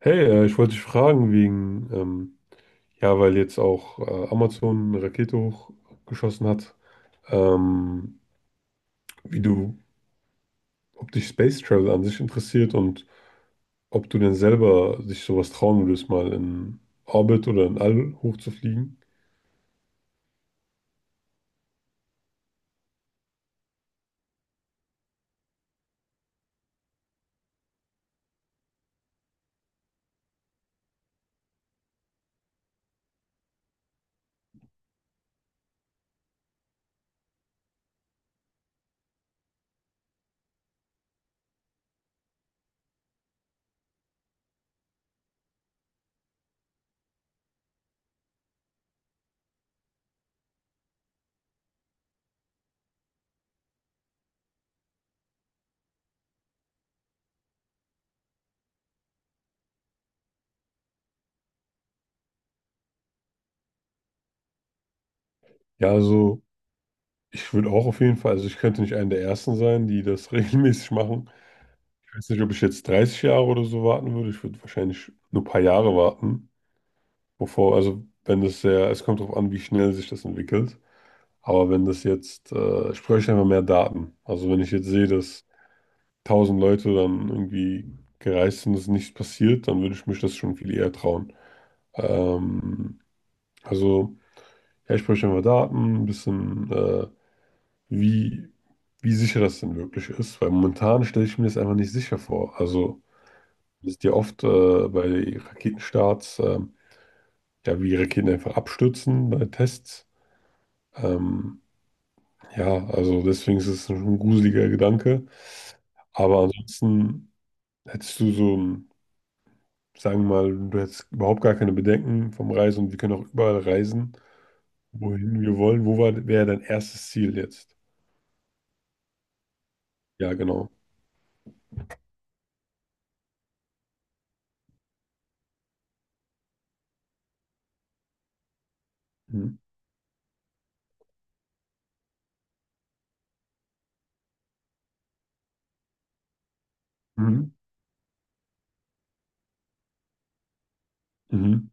Hey, ich wollte dich fragen wegen, ja, weil jetzt auch Amazon eine Rakete hochgeschossen hat, ähm, wie du, ob dich Space Travel an sich interessiert und ob du denn selber dich sowas trauen würdest, mal in Orbit oder in All hochzufliegen. Ja, also ich würde auch auf jeden Fall, also ich könnte nicht einer der Ersten sein, die das regelmäßig machen. Ich weiß nicht, ob ich jetzt 30 Jahre oder so warten würde. Ich würde wahrscheinlich nur ein paar Jahre warten, bevor, also wenn es sehr, es kommt darauf an, wie schnell sich das entwickelt. Aber wenn das jetzt, ich bräuchte einfach mehr Daten. Also wenn ich jetzt sehe, dass 1000 Leute dann irgendwie gereist sind, dass nichts passiert, dann würde ich mich das schon viel eher trauen. Ähm, also ja, ich bräuchte einfach Daten, ein bisschen, wie, wie sicher das denn wirklich ist. Weil momentan stelle ich mir das einfach nicht sicher vor. Also es ist ja oft bei Raketenstarts, ja, wie Raketen einfach abstürzen bei Tests. Ähm, Ja, also deswegen ist es ein gruseliger Gedanke. Aber ansonsten hättest du so, sagen wir mal, du hättest überhaupt gar keine Bedenken vom Reisen und wir können auch überall reisen, wohin wir wollen. Wäre dein erstes Ziel jetzt? Ja, genau. Mhm. Mhm. Mhm.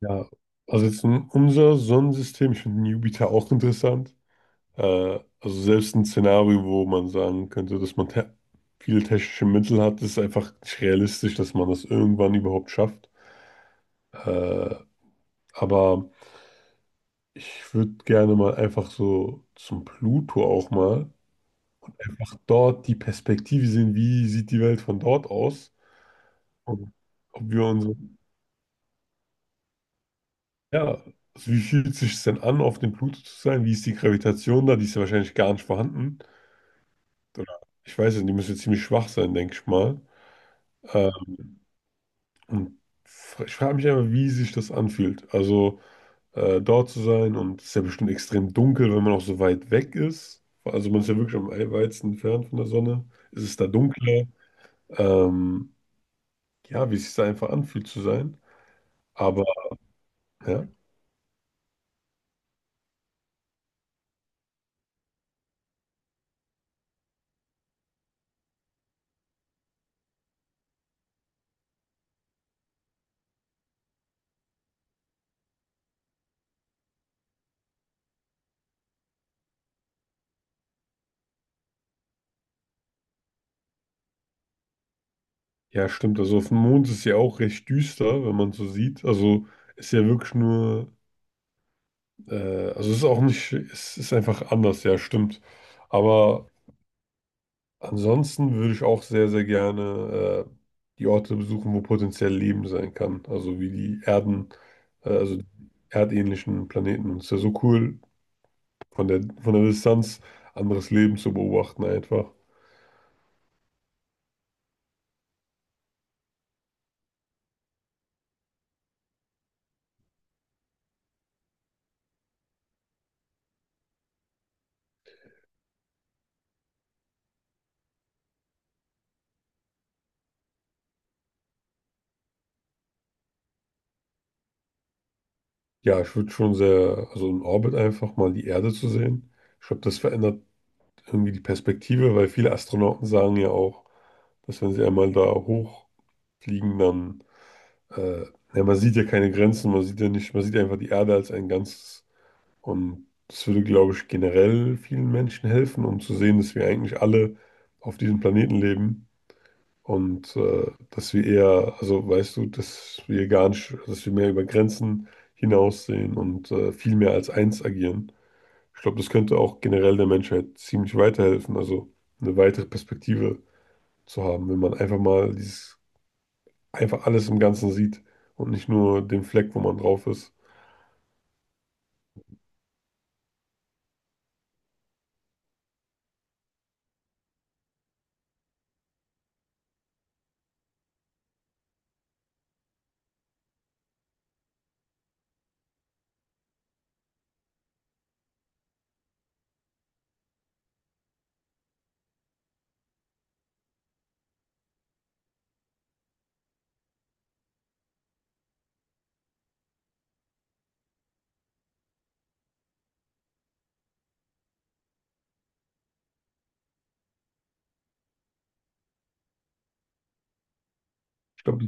Ja, also jetzt in unser Sonnensystem, ich finde Jupiter auch interessant. Also selbst ein Szenario, wo man sagen könnte, dass man te viele technische Mittel hat, ist einfach nicht realistisch, dass man das irgendwann überhaupt schafft. Äh, Aber ich würde gerne mal einfach so zum Pluto auch mal einfach dort die Perspektive sehen, wie sieht die Welt von dort aus und ob wir uns, ja, also wie fühlt sich es sich denn an, auf dem Pluto zu sein? Wie ist die Gravitation da? Die ist ja wahrscheinlich gar nicht vorhanden. Oder ich weiß nicht, die müsste ziemlich schwach sein, denke ich mal. Ähm, und ich frage mich einfach, wie sich das anfühlt. Also dort zu sein. Und es ist ja bestimmt extrem dunkel, wenn man auch so weit weg ist. Also man ist ja wirklich am weitesten entfernt von der Sonne. Es ist da dunkler. Ähm, ja, wie es sich da einfach anfühlt zu sein. Aber ja, ja, stimmt. Also auf dem Mond ist es ja auch recht düster, wenn man so sieht. Also ist ja wirklich nur, also es ist auch nicht, es ist einfach anders, ja, stimmt. Aber ansonsten würde ich auch sehr, sehr gerne die Orte besuchen, wo potenziell Leben sein kann. Also wie die Erden, also die erdähnlichen Planeten. Und es ist ja so cool, von der Distanz anderes Leben zu beobachten einfach. Ja, ich würde schon sehr, also in Orbit einfach mal die Erde zu sehen. Ich glaube, das verändert irgendwie die Perspektive, weil viele Astronauten sagen ja auch, dass wenn sie einmal da hochfliegen, dann, äh, ja, man sieht ja keine Grenzen, man sieht ja nicht, man sieht einfach die Erde als ein Ganzes. Und das würde, glaube ich, generell vielen Menschen helfen, um zu sehen, dass wir eigentlich alle auf diesem Planeten leben und dass wir eher, also weißt du, dass wir gar nicht, dass wir mehr über Grenzen hinaussehen und viel mehr als eins agieren. Ich glaube, das könnte auch generell der Menschheit ziemlich weiterhelfen, also eine weitere Perspektive zu haben, wenn man einfach mal dieses, einfach alles im Ganzen sieht und nicht nur den Fleck, wo man drauf ist. Ich glaube,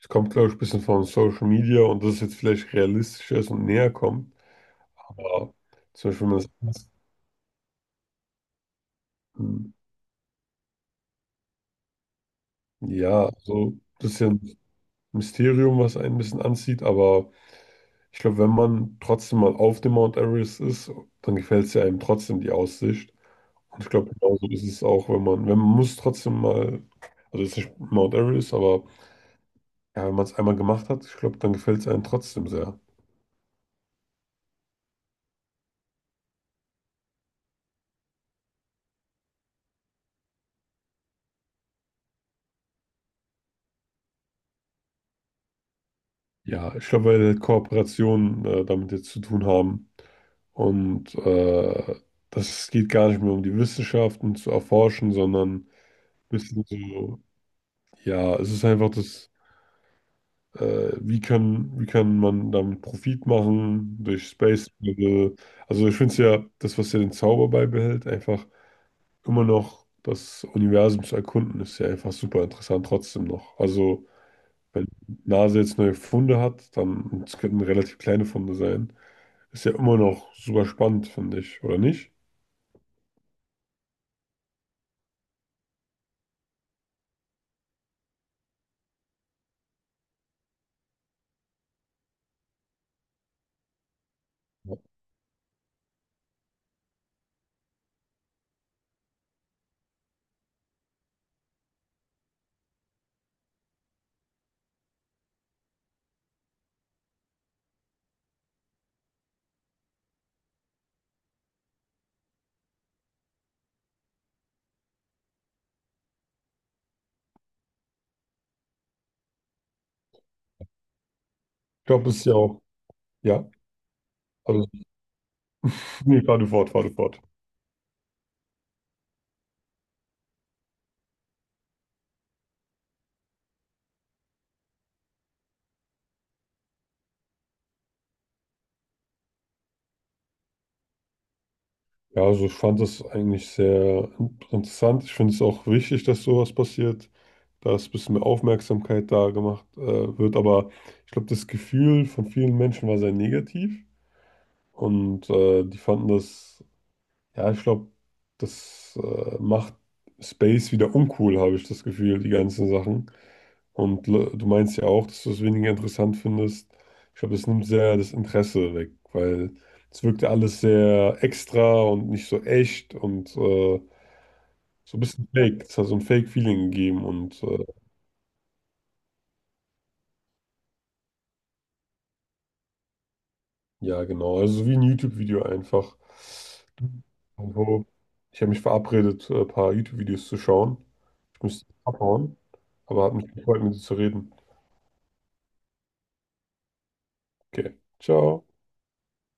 es kommt, glaube ich, ein bisschen von Social Media und dass es jetzt vielleicht realistischer ist und näher kommt. Aber zum Beispiel, wenn man das, Hm, ja, so ein bisschen Mysterium, was einen ein bisschen anzieht. Aber ich glaube, wenn man trotzdem mal auf dem Mount Everest ist, dann gefällt es ja einem trotzdem die Aussicht. Und ich glaube, genauso ist es auch, wenn man, muss trotzdem mal, also jetzt nicht Mount Everest, aber ja, wenn man es einmal gemacht hat, ich glaube, dann gefällt es einem trotzdem sehr. Ja, ich glaube, weil Kooperationen damit jetzt zu tun haben. Und das geht gar nicht mehr um die Wissenschaften zu erforschen, sondern ein bisschen so, ja, es ist einfach das, wie kann man damit Profit machen durch Space Travel. Also ich finde es ja, das, was ja den Zauber beibehält, einfach immer noch das Universum zu erkunden, ist ja einfach super interessant trotzdem noch. Also wenn NASA jetzt neue Funde hat, dann, und es könnten relativ kleine Funde sein, ist ja immer noch super spannend, finde ich, oder nicht? Ich glaube, es ist ja auch. Ja, also, nee, fahr du fort, fahr du fort. Ja, also ich fand das eigentlich sehr interessant. Ich finde es auch wichtig, dass sowas passiert, dass ein bisschen mehr Aufmerksamkeit da gemacht wird. Aber ich glaube, das Gefühl von vielen Menschen war sehr negativ und die fanden das, ja, ich glaube, das macht Space wieder uncool, habe ich das Gefühl, die ganzen Sachen. Und du meinst ja auch, dass du es weniger interessant findest. Ich glaube, das nimmt sehr das Interesse weg, weil es wirkte alles sehr extra und nicht so echt und so ein bisschen fake. Es hat so ein Fake-Feeling gegeben und ja, genau. Also so wie ein YouTube-Video einfach. Also, ich habe mich verabredet, ein paar YouTube-Videos zu schauen. Ich müsste abhauen, aber hat mich gefreut, mit dir zu reden. Okay, ciao.